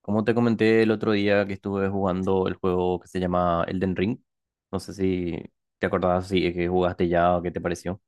Como te comenté el otro día que estuve jugando el juego que se llama Elden Ring, no sé si te acordabas si es que jugaste ya o qué te pareció.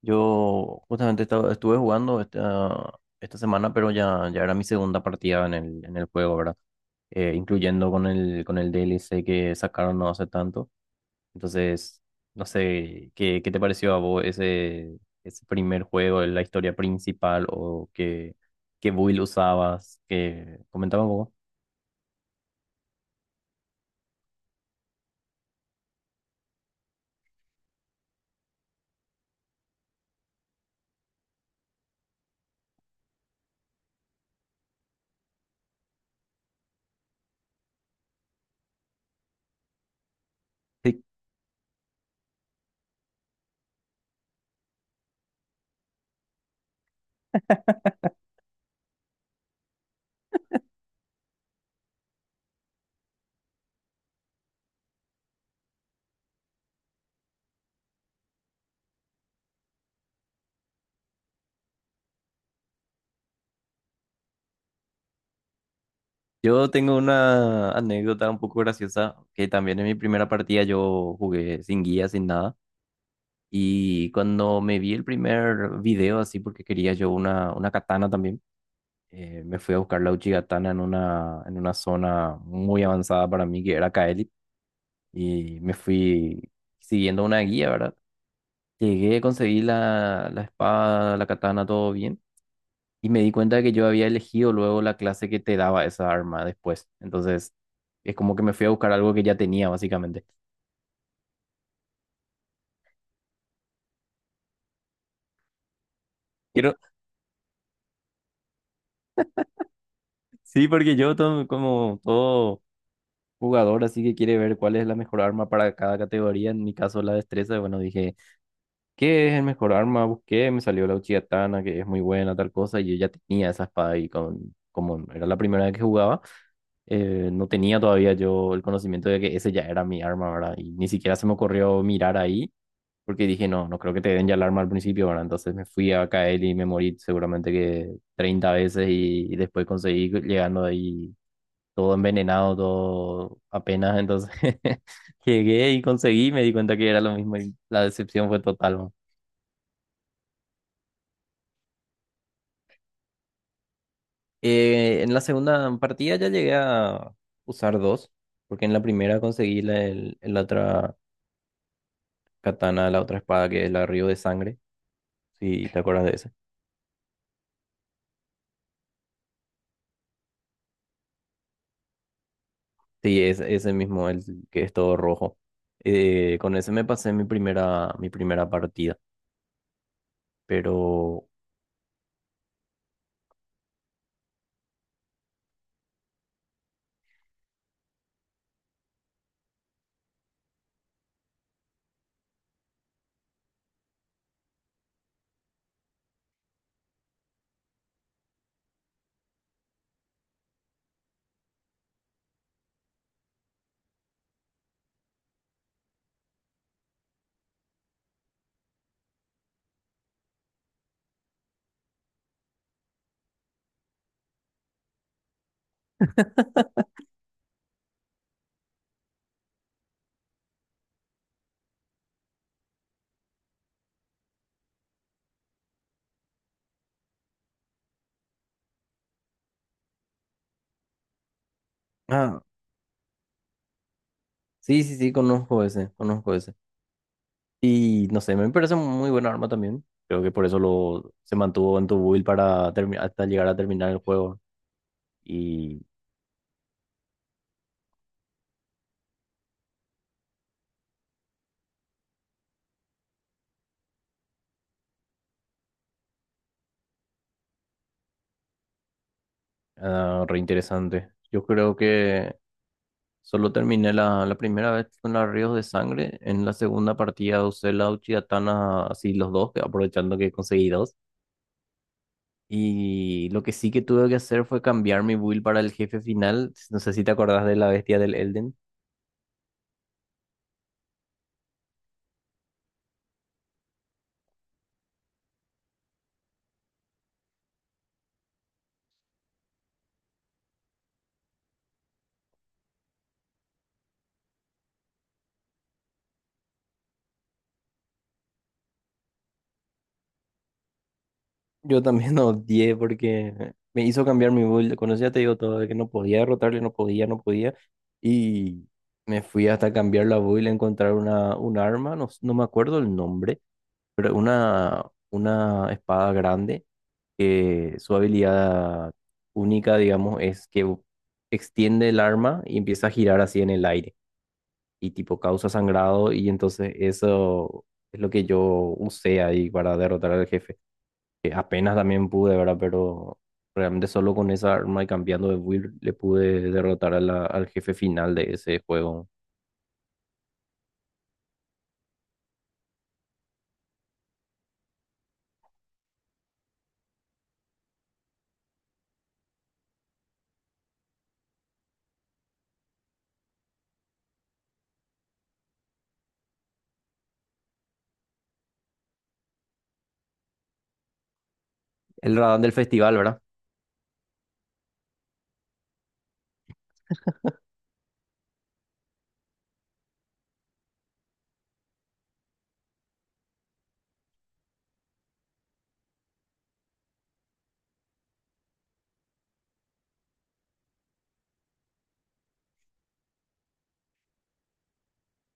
Yo justamente estuve jugando esta semana, pero ya era mi segunda partida en el juego, ¿verdad? Incluyendo con el DLC que sacaron no hace tanto. Entonces, no sé, qué te pareció a vos ese primer juego, la historia principal o qué build usabas? Que comentaba un poco. Yo tengo una anécdota un poco graciosa, que también en mi primera partida yo jugué sin guía, sin nada, y cuando me vi el primer video así, porque quería yo una katana también, me fui a buscar la Uchi Katana en una zona muy avanzada para mí, que era Kaelit, y me fui siguiendo una guía, ¿verdad? Llegué, conseguí la espada, la katana, todo bien. Y me di cuenta de que yo había elegido luego la clase que te daba esa arma después. Entonces, es como que me fui a buscar algo que ya tenía, básicamente. Quiero, sí, porque yo como todo jugador, así que quiere ver cuál es la mejor arma para cada categoría. En mi caso, la destreza. Bueno, dije, ¿qué es el mejor arma? Busqué, me salió la Uchiha Tana, que es muy buena, tal cosa. Y yo ya tenía esa espada y como era la primera vez que jugaba, no tenía todavía yo el conocimiento de que ese ya era mi arma, ¿verdad? Y ni siquiera se me ocurrió mirar ahí, porque dije, no, no creo que te den ya alarma al principio, ¿verdad? Entonces me fui a caer y me morí seguramente que 30 veces y después conseguí llegando ahí todo envenenado, todo apenas, entonces llegué y conseguí, me di cuenta que era lo mismo y la decepción fue total, ¿no? En la segunda partida ya llegué a usar dos, porque en la primera conseguí la otra katana, la otra espada que es la Río de Sangre, si te acuerdas de. Sí, es ese mismo, el que es todo rojo. Con ese me pasé mi primera partida. Pero. Ah, sí, sí, sí, conozco ese, conozco ese. Y no sé, me parece un muy buen arma también. Creo que por eso se mantuvo en tu build hasta llegar a terminar el juego. Y, ah, re interesante. Yo creo que solo terminé la primera vez con la Ríos de Sangre. En la segunda partida usé la Uchigatana así los dos, aprovechando que conseguí dos. Y lo que sí que tuve que hacer fue cambiar mi build para el jefe final. No sé si te acordás de la bestia del Elden. Yo también odié porque me hizo cambiar mi build, cuando ya te digo todo, de que no podía derrotarle, no podía, no podía. Y me fui hasta cambiar la build, encontrar una, un arma, no, no me acuerdo el nombre, pero una espada grande que su habilidad única, digamos, es que extiende el arma y empieza a girar así en el aire, y tipo causa sangrado y entonces eso es lo que yo usé ahí para derrotar al jefe. Que apenas también pude, ¿verdad? Pero realmente solo con esa arma y cambiando de build le pude derrotar a al jefe final de ese juego. El Radán del festival, ¿verdad?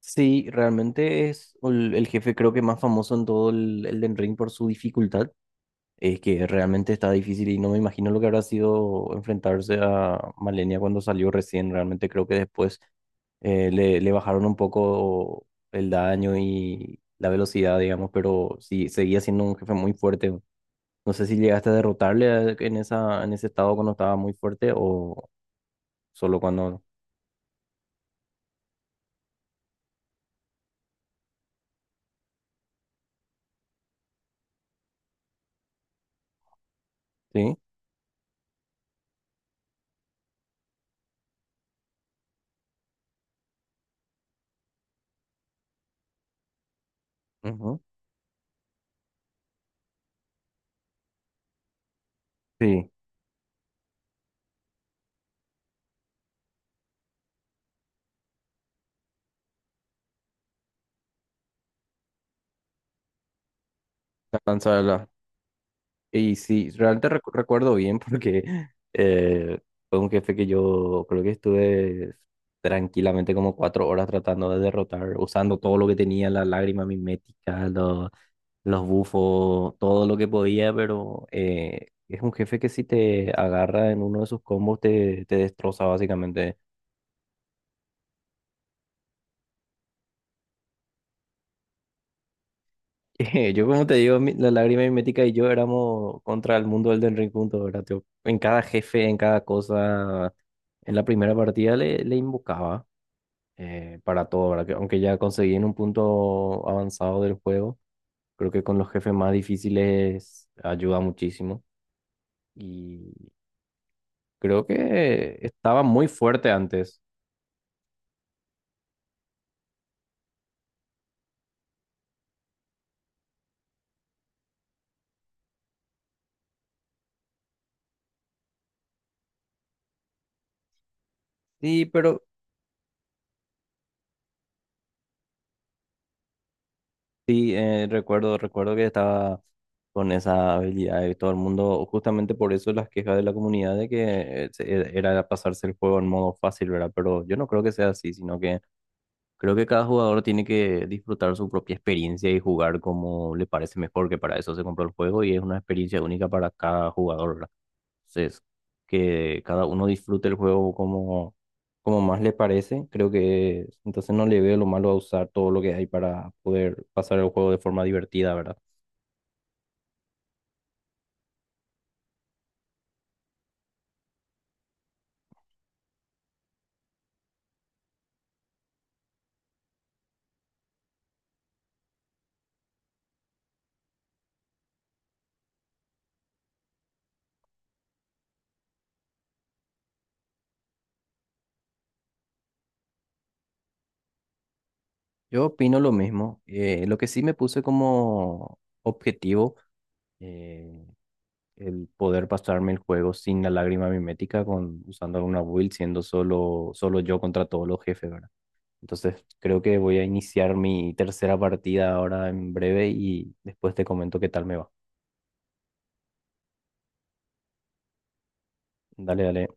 Sí, realmente es el jefe creo que más famoso en todo el Elden Ring por su dificultad. Es que realmente está difícil y no me imagino lo que habrá sido enfrentarse a Malenia cuando salió recién. Realmente creo que después le bajaron un poco el daño y la velocidad, digamos, pero sí, seguía siendo un jefe muy fuerte. No sé si llegaste a derrotarle en ese estado cuando estaba muy fuerte o solo cuando. Sí, ujú. Sí, la lanza de la-. Y sí, realmente recuerdo bien porque eh, fue un jefe que yo creo que estuve tranquilamente como 4 horas tratando de derrotar, usando todo lo que tenía, la lágrima mimética, los bufos, todo lo que podía, pero es un jefe que si te agarra en uno de sus combos te destroza básicamente. Yo, como te digo, la lágrima mimética y yo éramos contra el mundo del Elden Ring juntos, ¿verdad, tío? En cada jefe, en cada cosa, en la primera partida le invocaba para todo, ¿verdad? Que aunque ya conseguí en un punto avanzado del juego, creo que con los jefes más difíciles ayuda muchísimo. Y creo que estaba muy fuerte antes. Sí, pero sí, recuerdo, recuerdo que estaba con esa habilidad y todo el mundo, justamente por eso las quejas de la comunidad de que era pasarse el juego en modo fácil, ¿verdad? Pero yo no creo que sea así, sino que creo que cada jugador tiene que disfrutar su propia experiencia y jugar como le parece mejor, que para eso se compró el juego y es una experiencia única para cada jugador, ¿verdad? Entonces, que cada uno disfrute el juego como más le parece. Creo que entonces no le veo lo malo a usar todo lo que hay para poder pasar el juego de forma divertida, ¿verdad? Yo opino lo mismo. Lo que sí me puse como objetivo, eh, el poder pasarme el juego sin la lágrima mimética, usando alguna build, siendo solo, solo yo contra todos los jefes, ¿verdad? Entonces, creo que voy a iniciar mi tercera partida ahora en breve y después te comento qué tal me va. Dale, dale.